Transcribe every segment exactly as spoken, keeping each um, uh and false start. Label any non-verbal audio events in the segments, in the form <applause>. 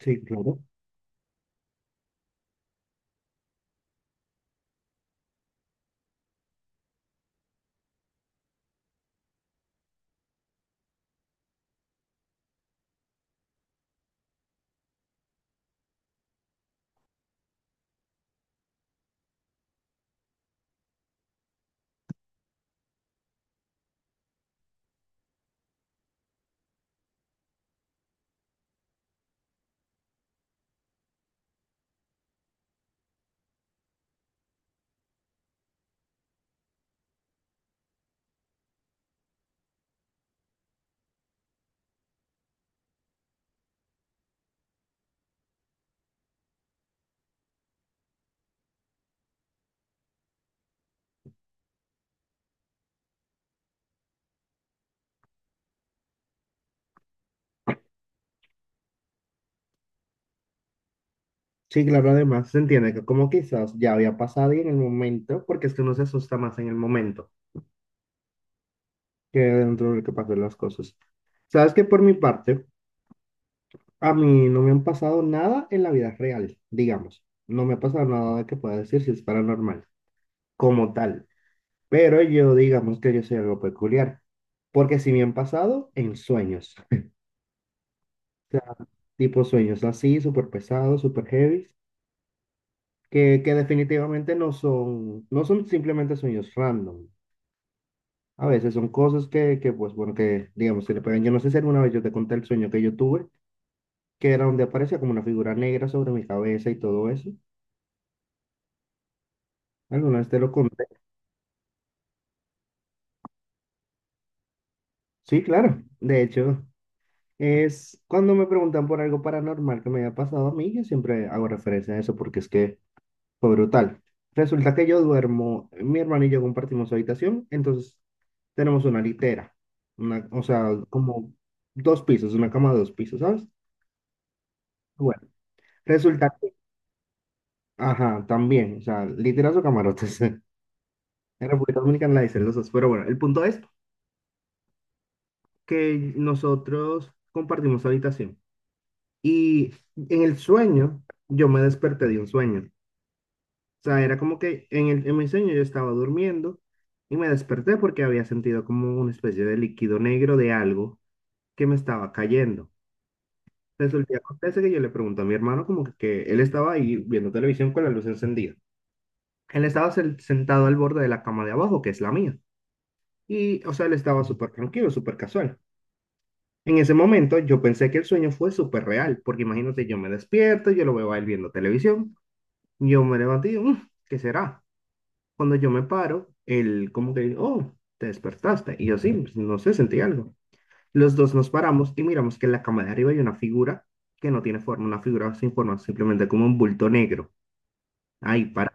Sí, claro. Sí, claro, además se entiende que como quizás ya había pasado y en el momento, porque es que uno se asusta más en el momento que dentro de lo que pasan las cosas. Sabes que por mi parte, a mí no me han pasado nada en la vida real, digamos. No me ha pasado nada de que pueda decir si es paranormal, como tal. Pero yo, digamos que yo soy algo peculiar, porque sí me han pasado en sueños. <laughs> sea, tipo sueños así, súper pesados, súper heavy, que, que definitivamente no son, no son simplemente sueños random. A veces son cosas que, que, pues bueno, que digamos que le pegan. Yo no sé si alguna vez yo te conté el sueño que yo tuve, que era donde aparecía como una figura negra sobre mi cabeza y todo eso. ¿Alguna vez te lo conté? Sí, claro. De hecho, es cuando me preguntan por algo paranormal que me haya pasado a mí, yo siempre hago referencia a eso porque es que fue brutal. Resulta que yo duermo, mi hermano y yo compartimos habitación, entonces tenemos una litera, una, o sea, como dos pisos, una cama de dos pisos, ¿sabes? Bueno, resulta ajá, también, o sea, literal su camarotes. <laughs> En República Dominicana la dicen los dos, pero bueno, el punto es que nosotros compartimos habitación y en el sueño yo me desperté de un sueño. O sea, era como que en el, en mi sueño yo estaba durmiendo y me desperté porque había sentido como una especie de líquido negro de algo que me estaba cayendo. Resulta que acontece que yo le pregunto a mi hermano como que, que él estaba ahí viendo televisión con la luz encendida. Él estaba sen- sentado al borde de la cama de abajo, que es la mía. Y, o sea, él estaba súper tranquilo, súper casual. En ese momento yo pensé que el sueño fue súper real, porque imagínate, yo me despierto, yo lo veo a él viendo televisión, yo me levanté y digo, "Mm, ¿qué será?" Cuando yo me paro, él como que, oh, te despertaste. Y yo sí, pues, no sé, sentí algo. Los dos nos paramos y miramos que en la cama de arriba hay una figura que no tiene forma, una figura sin forma, simplemente como un bulto negro, ahí para,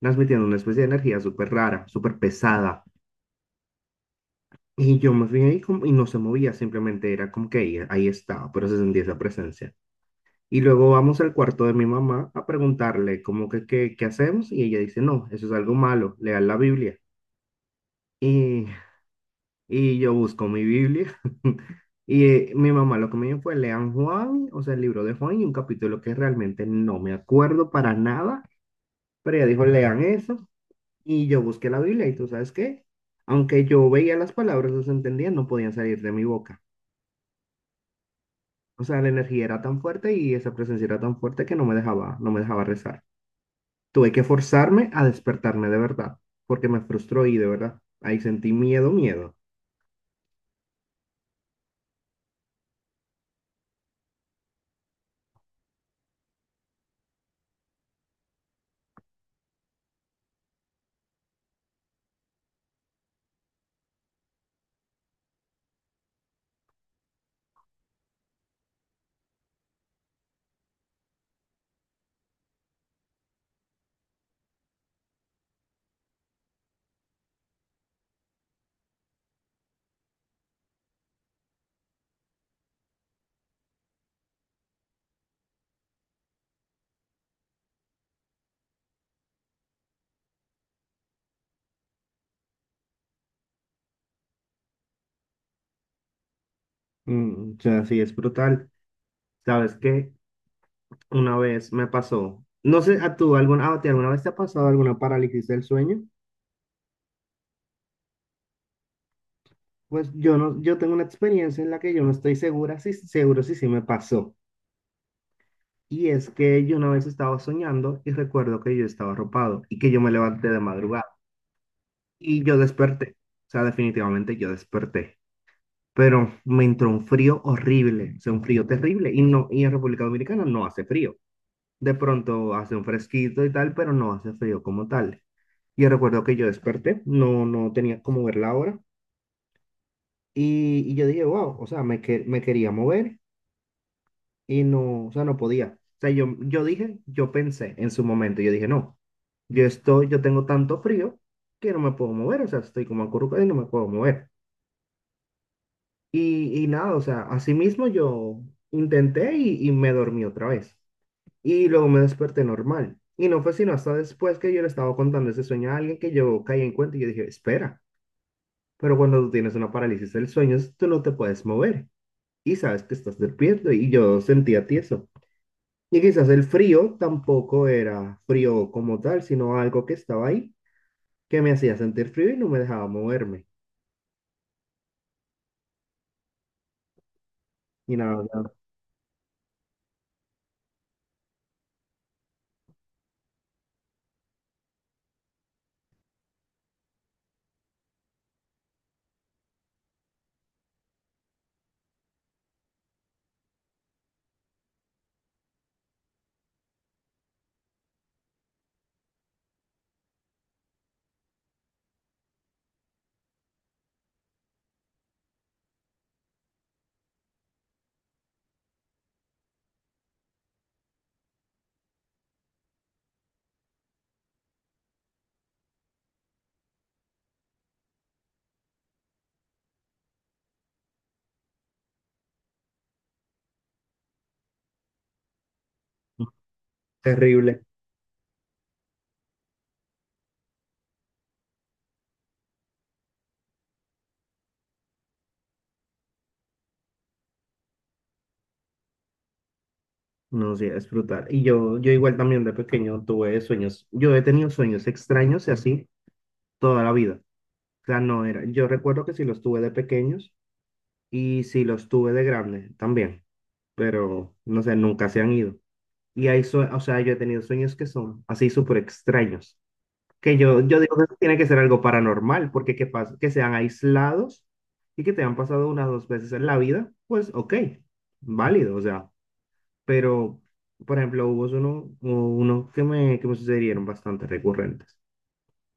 transmitiendo una especie de energía súper rara, súper pesada. Y yo más bien ahí como- y no se movía, simplemente era como que ahí, ahí estaba, pero se sentía esa presencia. Y luego vamos al cuarto de mi mamá a preguntarle como que qué, qué hacemos y ella dice, no, eso es algo malo, lean la Biblia. Y, y yo busco mi Biblia <laughs> y eh, mi mamá lo que me dijo fue, lean Juan, o sea, el libro de Juan y un capítulo que realmente no me acuerdo para nada, pero ella dijo, lean eso y yo busqué la Biblia y tú sabes qué, aunque yo veía las palabras, las entendía, no podían salir de mi boca. O sea, la energía era tan fuerte y esa presencia era tan fuerte que no me dejaba, no me dejaba rezar. Tuve que forzarme a despertarme de verdad, porque me frustró y de verdad, ahí sentí miedo, miedo. Mm, o sea, sí, es brutal. ¿Sabes qué? Una vez me pasó, no sé, a tú alguna, ¿a ti alguna vez te ha pasado alguna parálisis del sueño? Pues yo no, yo tengo una experiencia en la que yo no estoy segura si seguro si sí me pasó. Y es que yo una vez estaba soñando y recuerdo que yo estaba arropado y que yo me levanté de madrugada. Y yo desperté, o sea, definitivamente yo desperté, pero me entró un frío horrible, o sea, un frío terrible, y no, y en República Dominicana no hace frío. De pronto hace un fresquito y tal, pero no hace frío como tal. Y recuerdo que yo desperté, no, no tenía cómo ver la hora, y, y yo dije, wow, o sea, me, que- me quería mover y no, o sea, no podía. O sea, yo, yo dije, yo pensé en su momento, yo dije, no, yo estoy, yo tengo tanto frío que no me puedo mover, o sea, estoy como acurrucado y no me puedo mover. Y, y nada, o sea, así mismo yo intenté y, y me dormí otra vez. Y luego me desperté normal. Y no fue sino hasta después que yo le estaba contando ese sueño a alguien que yo caí en cuenta y yo dije, espera, pero cuando tú tienes una parálisis del sueño, es- tú no te puedes mover y sabes que estás despierto y yo sentía tieso. Y quizás el frío tampoco era frío como tal, sino algo que estaba ahí, que me hacía sentir frío y no me dejaba moverme. Y nada, ya, terrible. No, sí, es brutal. Y yo, yo igual también de pequeño tuve sueños. Yo he tenido sueños extraños y así toda la vida. O sea, no era. Yo recuerdo que sí los tuve de pequeños y sí los tuve de grande también, pero no sé, nunca se han ido. Y hay, sue- o sea, yo he tenido sueños que son así súper extraños, que yo, yo digo que tiene que ser algo paranormal, porque que, pas- que sean aislados y que te han pasado unas dos veces en la vida, pues ok, válido, o sea, pero por ejemplo hubo uno, hubo unos que me, que me sucedieron bastante recurrentes,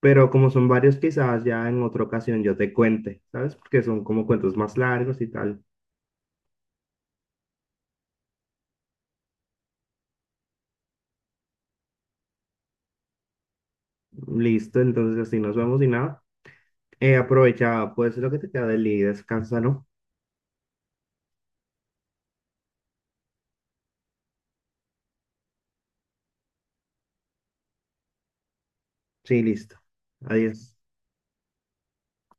pero como son varios quizás ya en otra ocasión yo te cuente, ¿sabes? Porque son como cuentos más largos y tal. Listo, entonces así nos vemos y nada. Eh, aprovecha pues lo que te queda del día y descansa, ¿no? Sí, listo. Adiós.